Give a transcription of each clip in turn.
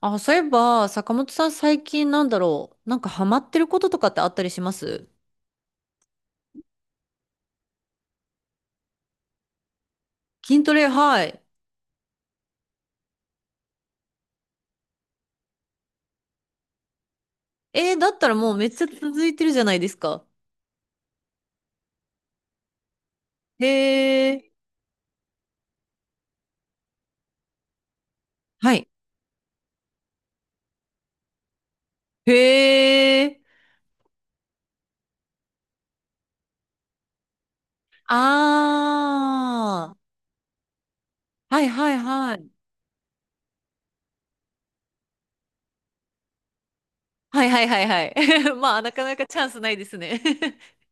あ、そういえば、坂本さん最近なんだろう。なんかハマってることとかってあったりします。筋トレ、はい。だったらもうめっちゃ続いてるじゃないですか。へえ。はい。へえ。あー。はいはいはい。はいはいはいはい。まあ、なかなかチャンスないですね。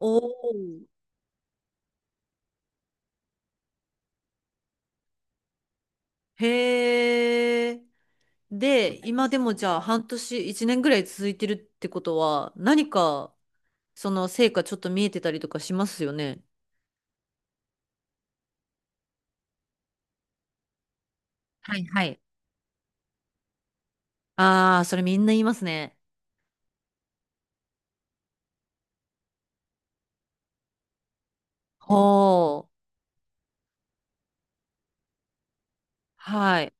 おー。へえ。で、今でもじゃあ半年、1年ぐらい続いてるってことは、その成果ちょっと見えてたりとかしますよね。はいはい。ああ、それみんな言いますね。ほう。はい。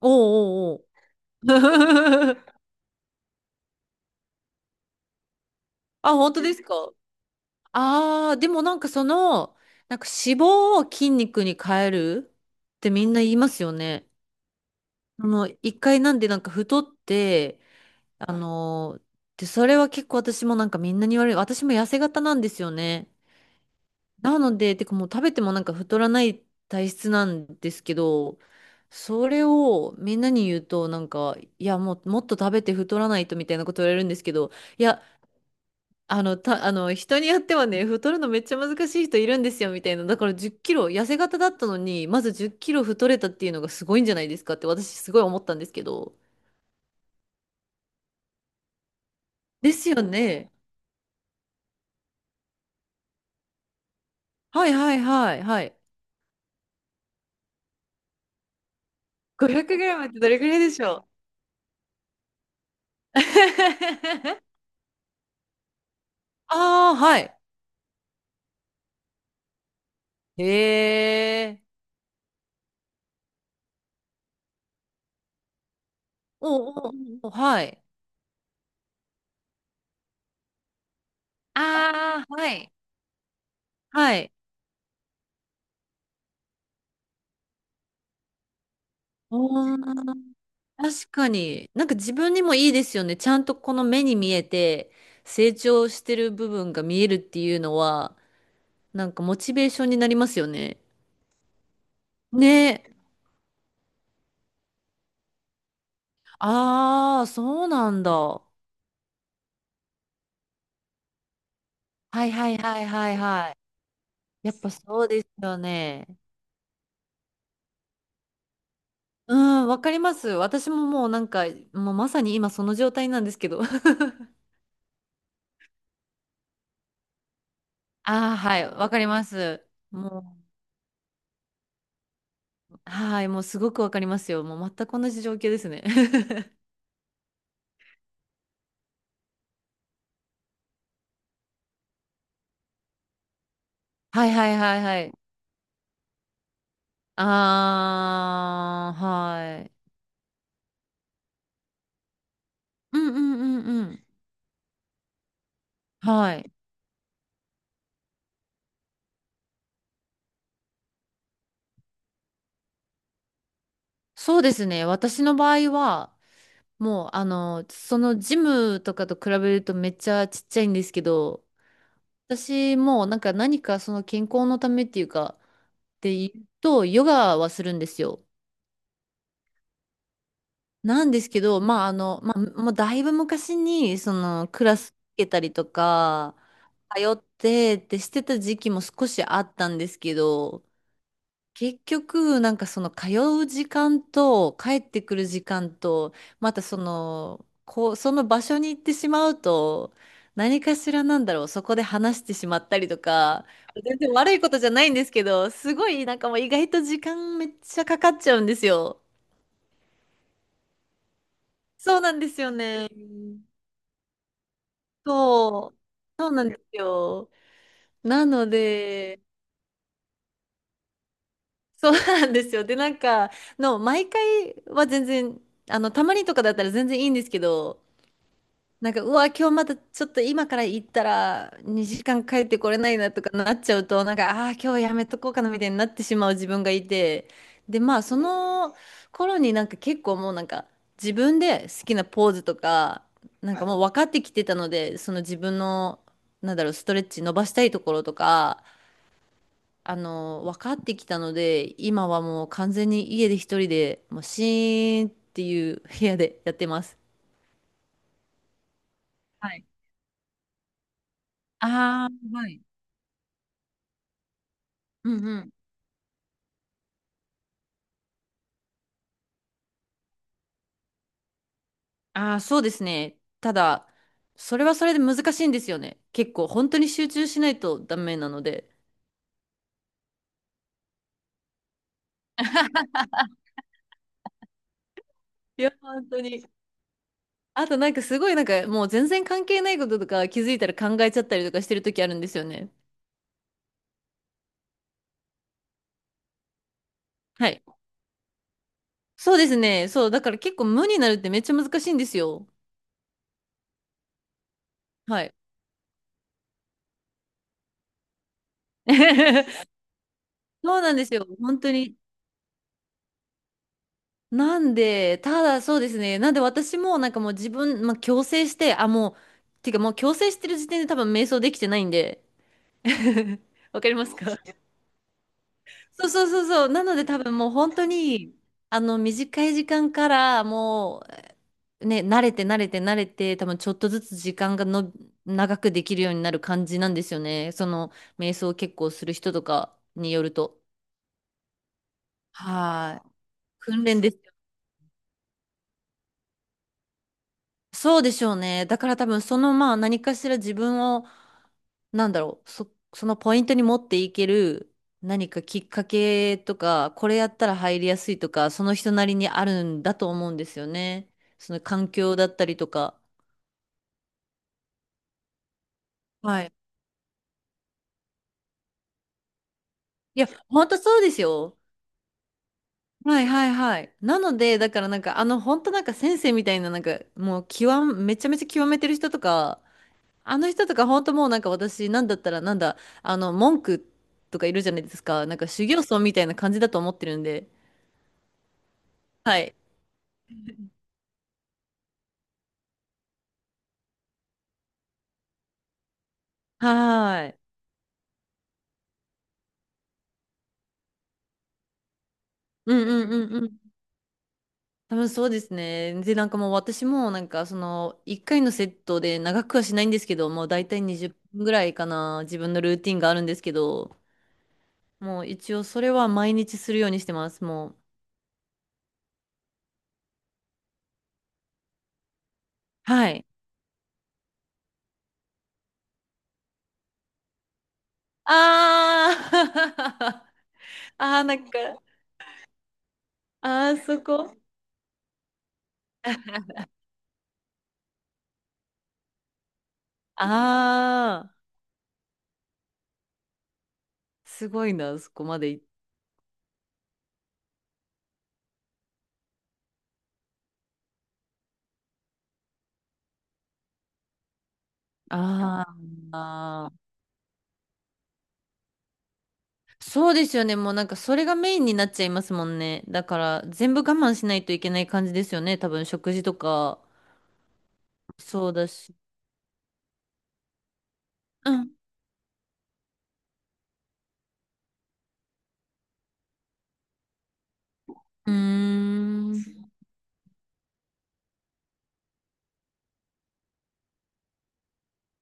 おうおうおう。あ、本当ですか。ああー、でもなんかその、なんか脂肪を筋肉に変えるってみんな言いますよね。あの、一回なんでなんか太って、あのー、で、それは結構私もなんかみんなに言われる。私も痩せ型なんですよね。なので、てかもう食べてもなんか太らない体質なんですけど、それをみんなに言うとなんか、いやもうもっと食べて太らないとみたいなこと言われるんですけど、いや、あの、人によってはね、太るのめっちゃ難しい人いるんですよみたいな。だから10キロ、痩せ型だったのに、まず10キロ太れたっていうのがすごいんじゃないですかって私すごい思ったんですけど。ですよね。はいはいはいはい。500グラムってどれくらいでしょう。 ああ、はい。へえ。おうおうおう、はい。あ、ああはい。はい。おー、確かに。なんか自分にもいいですよね。ちゃんとこの目に見えて成長してる部分が見えるっていうのは、なんかモチベーションになりますよね。ね。ああ、そうなんだ。はいはいはいはいはい。やっぱそうですよね。うん、わかります。私ももうなんか、もうまさに今その状態なんですけど。ああ、はい、わかります。もう、はい、もうすごくわかりますよ。もう全く同じ状況ですね。はいはいはいはい。あー、はい。うんうんうんうん。はい。そうですね。私の場合は、もう、そのジムとかと比べるとめっちゃちっちゃいんですけど、私もなんか何かその健康のためっていうか、って言うと、ヨガはするんですよ。なんですけど、まあ、もうだいぶ昔に、その、クラス受けたりとか、通ってってしてた時期も少しあったんですけど、結局、なんかその、通う時間と、帰ってくる時間と、またその、こう、その場所に行ってしまうと、何かしらなんだろう、そこで話してしまったりとか、全然悪いことじゃないんですけど、すごい、なんかもう意外と時間めっちゃかかっちゃうんですよ。そうなんですよね。そう、そうなんですよ。なので、そうなんですよ。で、毎回は全然、あの、たまにとかだったら全然いいんですけど、なんか、うわ、今日またちょっと今から行ったら2時間帰ってこれないなとかなっちゃうと、なんか、ああー、今日やめとこうかなみたいになってしまう自分がいて、で、まあ、その頃になんか結構もうなんか自分で好きなポーズとか、なんはかい。もう分かってきてたので、その自分の、なんだろう、ストレッチ伸ばしたいところとか、あの、分かってきたので、今はもう完全に家で一人で、もうシーンっていう部屋でやってます。はい。ああ、はい。うん。ああ、そうですね。ただ、それはそれで難しいんですよね。結構、本当に集中しないとダメなので。いや、本当に。あと、なんかすごい、なんかもう全然関係ないこととか気づいたら考えちゃったりとかしてる時あるんですよね。はい。そうですね。そう、だから結構無になるってめっちゃ難しいんですよ。はい。そうなんですよ。本当に。なんで、ただそうですね。なんで私もなんかもう自分、まあ、強制して、あ、もう、てかもう強制してる時点で多分瞑想できてないんで、わかりますか。そうそうそうそう。なので多分もう本当に、あの短い時間からもうね、慣れて、多分ちょっとずつ時間が長くできるようになる感じなんですよね。その瞑想を結構する人とかによると。はい。訓練です。そうでしょうね。だから多分その、まあ何かしら自分を、なんだろう、そのポイントに持っていける何かきっかけとか、これやったら入りやすいとか、その人なりにあるんだと思うんですよね。その環境だったりとか。はい。いや、本当そうですよ。はいはいはい。なので、だからなんかあの本当なんか先生みたいな、なんかもう極め、めちゃめちゃ極めてる人とか、あの人とか本当もうなんか、私なんだったらなんだあの文句とかいるじゃないですか、なんか修行僧みたいな感じだと思ってるんで。はい。はーい。うんうんうんうん。多分そうですね。でなんかもう私もなんかその1回のセットで長くはしないんですけど、もう大体20分ぐらいかな、自分のルーティンがあるんですけど、もう一応それは毎日するようにしてます。もう、はい。あー。 あーなんか、あーそこ。ああ、すごいな、そこまで行った。あー。あー、そうですよね。もうなんかそれがメインになっちゃいますもんね。だから全部我慢しないといけない感じですよね。多分食事とか、そうだし。うん。うーん。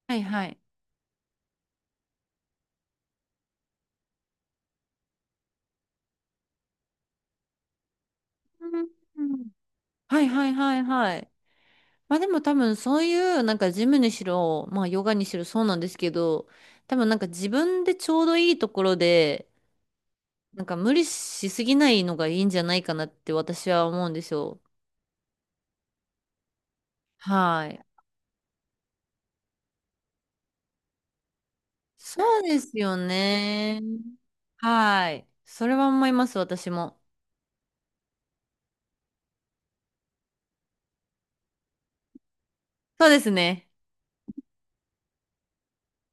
はいはい。うんうん。はいはいはいはい。まあでも多分そういうなんかジムにしろ、まあヨガにしろそうなんですけど、多分なんか自分でちょうどいいところで、なんか無理しすぎないのがいいんじゃないかなって私は思うんですよ。はい。そうですよね。はい。それは思います、私も。そうですね。